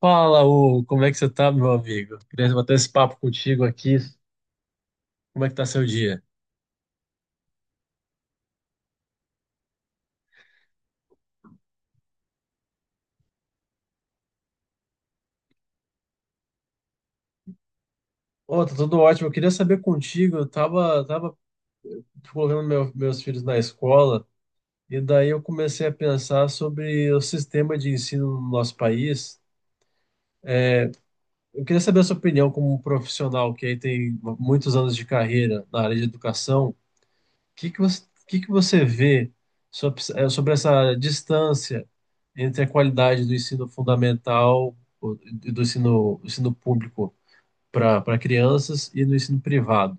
Fala, Hugo, como é que você tá, meu amigo? Queria bater esse papo contigo aqui. Como é que tá seu dia? Ô, tá tudo ótimo. Eu queria saber contigo, eu tava colocando meus filhos na escola e daí eu comecei a pensar sobre o sistema de ensino no nosso país. Eu queria saber a sua opinião como um profissional que aí tem muitos anos de carreira na área de educação. Que que você vê sobre, sobre essa distância entre a qualidade do ensino fundamental e do ensino público para crianças e do ensino privado?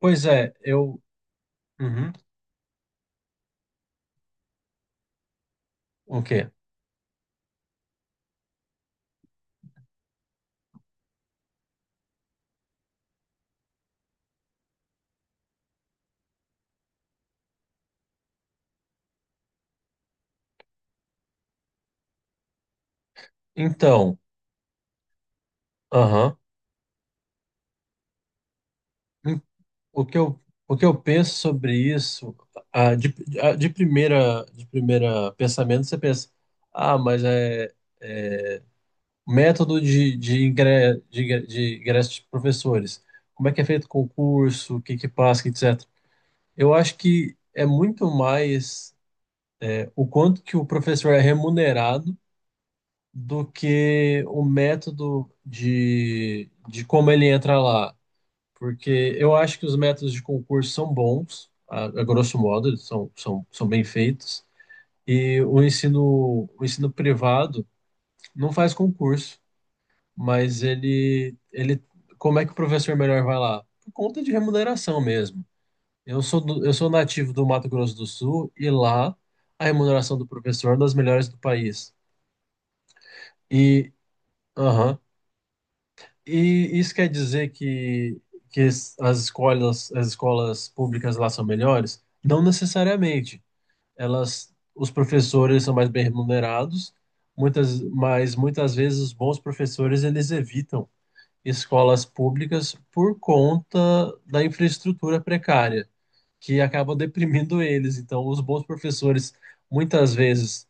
Pois é, eu. Uhum, o quê? Então, aham, em- o que eu, o que eu penso sobre isso, ah, de, ah, de primeira pensamento, você pensa, ah, mas é. Método de ingresso de professores. Como é que é feito o concurso, o que que passa, etc. Eu acho que é muito mais é, o quanto que o professor é remunerado do que o método de como ele entra lá. Porque eu acho que os métodos de concurso são bons, a grosso modo, eles são bem feitos. E o ensino privado não faz concurso. Mas como é que o professor melhor vai lá? Por conta de remuneração mesmo. Eu sou nativo do Mato Grosso do Sul e lá a remuneração do professor é das melhores do país. E, aham, e isso quer dizer que as as escolas públicas lá são melhores? Não necessariamente. Elas, os professores são mais bem remunerados, mas muitas vezes os bons professores eles evitam escolas públicas por conta da infraestrutura precária, que acaba deprimindo eles. Então, os bons professores, muitas vezes,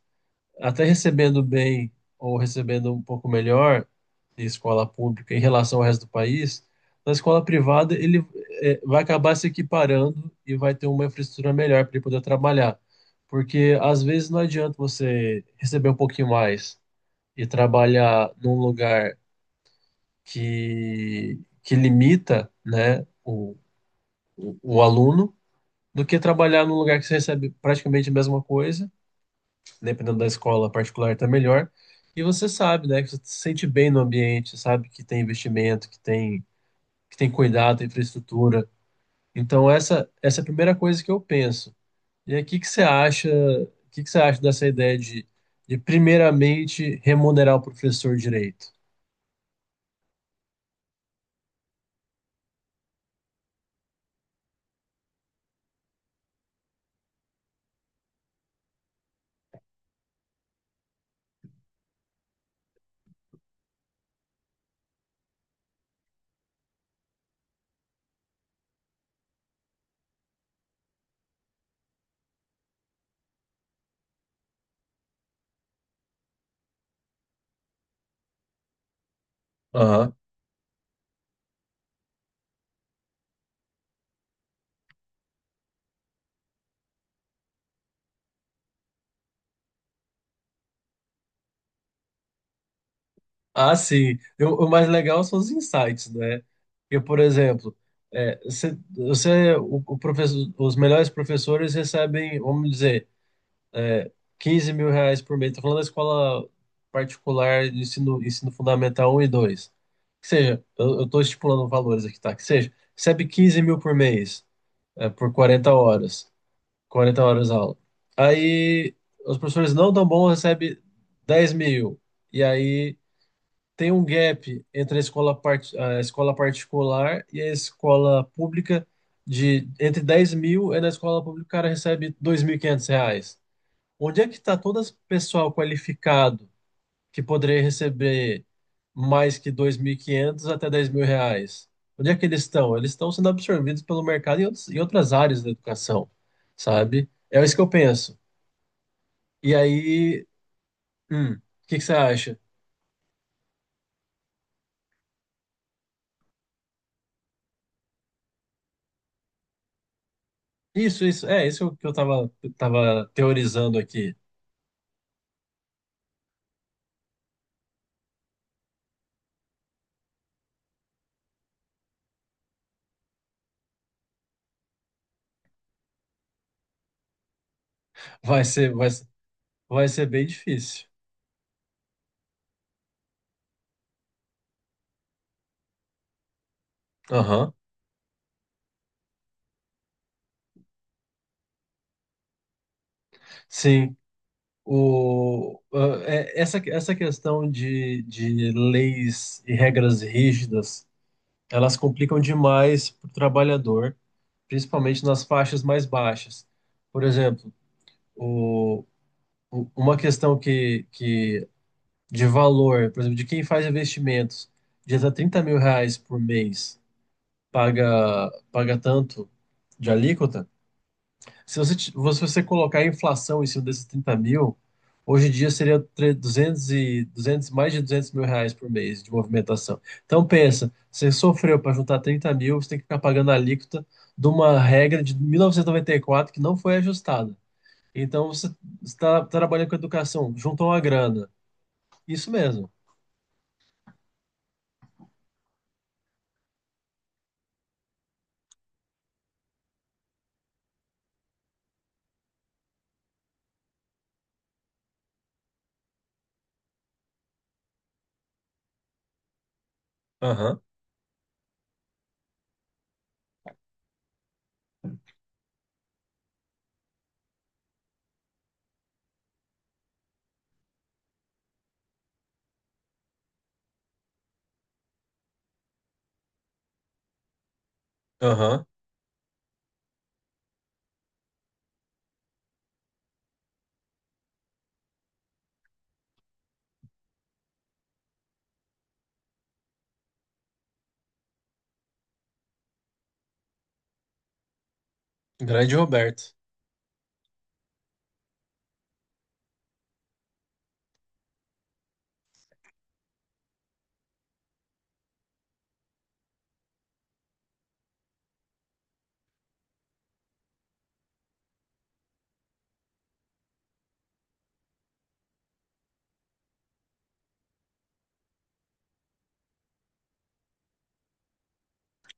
até recebendo bem ou recebendo um pouco melhor de escola pública em relação ao resto do país, na escola privada ele vai acabar se equiparando e vai ter uma infraestrutura melhor para ele poder trabalhar. Porque às vezes não adianta você receber um pouquinho mais e trabalhar num lugar que limita, né, o aluno do que trabalhar num lugar que você recebe praticamente a mesma coisa, dependendo da escola particular tá melhor, e você sabe, né, que você se sente bem no ambiente, sabe que tem investimento, que tem cuidado, tem infraestrutura. Então essa é a primeira coisa que eu penso. E aí, o que que você acha dessa ideia de primeiramente remunerar o professor direito? Ah, sim. O mais legal são os insights, né? Porque, por exemplo, é, o professor, os melhores professores recebem, vamos dizer, 15 mil reais por mês. Estou falando da escola particular de ensino fundamental um e dois. Que seja, eu estou estipulando valores aqui, tá? Que seja, recebe 15 mil por mês, é, por 40 horas. 40 horas aula. Aí, os professores não tão bons recebem 10 mil. E aí tem um gap entre a a escola particular e a escola pública de entre 10 mil e na escola pública o cara recebe 2.500 reais. Onde é que está todo esse pessoal qualificado que poderia receber mais que 2.500 até 10 mil reais? Onde é que eles estão? Eles estão sendo absorvidos pelo mercado em em outras áreas da educação, sabe? É isso que eu penso. E aí, o que que você acha? Isso, é, isso é o que tava teorizando aqui. Vai ser, vai, ser- Vai ser bem difícil. Aham, Sim. O, ah, essa questão de leis e regras rígidas, elas complicam demais para o trabalhador, principalmente nas faixas mais baixas. Por exemplo, o, uma questão que de valor, por exemplo, de quem faz investimentos, de até 30 mil reais por mês paga tanto de alíquota, se se você colocar a inflação em cima desses 30 mil, hoje em dia seria 200 e, 200 mais de 200 mil reais por mês de movimentação. Então pensa, você sofreu para juntar 30 mil, você tem que ficar pagando a alíquota de uma regra de mil novecentos e noventa e quatro que não foi ajustada. Então você está trabalhando com educação, juntou uma grana. Isso mesmo. Aham, aham. Grande Roberto.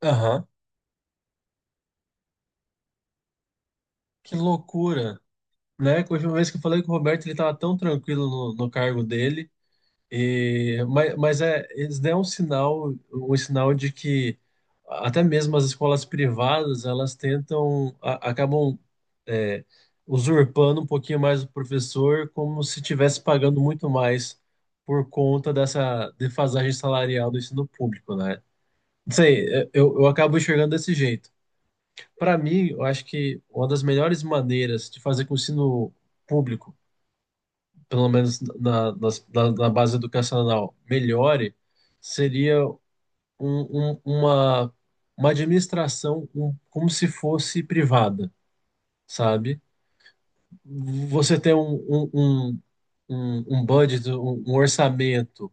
Aham. Que loucura. Né? Que a última vez que eu falei com o Roberto, ele estava tão tranquilo no cargo dele. E, mas é, eles deram um sinal de que até mesmo as escolas privadas, elas tentam, acabam é, usurpando um pouquinho mais o professor, como se estivesse pagando muito mais por conta dessa defasagem salarial do ensino público, né? Não sei, é, eu acabo enxergando desse jeito. Para mim, eu acho que uma das melhores maneiras de fazer com que o ensino público pelo menos na base educacional, melhore, seria um- uma, uma administração como se fosse privada, sabe? Você tem um budget, um orçamento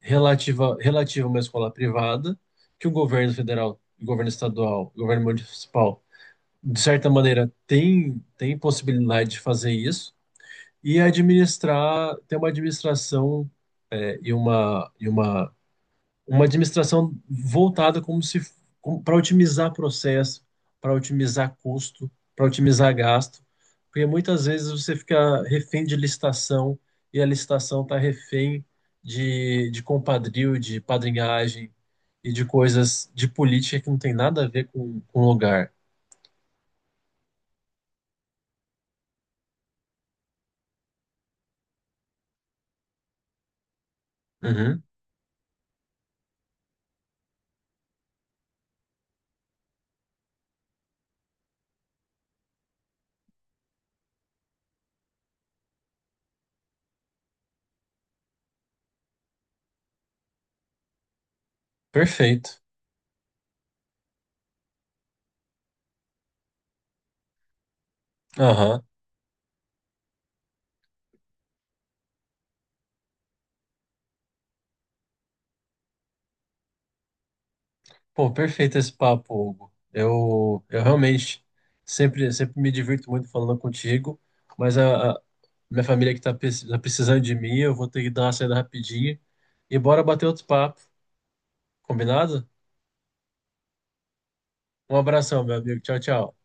relativo a uma escola privada, que o governo federal, o governo estadual, o governo municipal, de certa maneira, tem possibilidade de fazer isso. E administrar, ter uma administração e uma, e uma, uma administração voltada como se para otimizar processo, para otimizar custo, para otimizar gasto, porque muitas vezes você fica refém de licitação e a licitação está refém de compadrio, de padrinhagem e de coisas de política que não tem nada a ver com o lugar. Uhum, perfeito. Aham. Pô, perfeito esse papo, Hugo. Eu realmente sempre me divirto muito falando contigo, mas a minha família que tá, tá precisando de mim, eu vou ter que dar uma saída rapidinho e bora bater outro papo, combinado? Um abração, meu amigo. Tchau, tchau.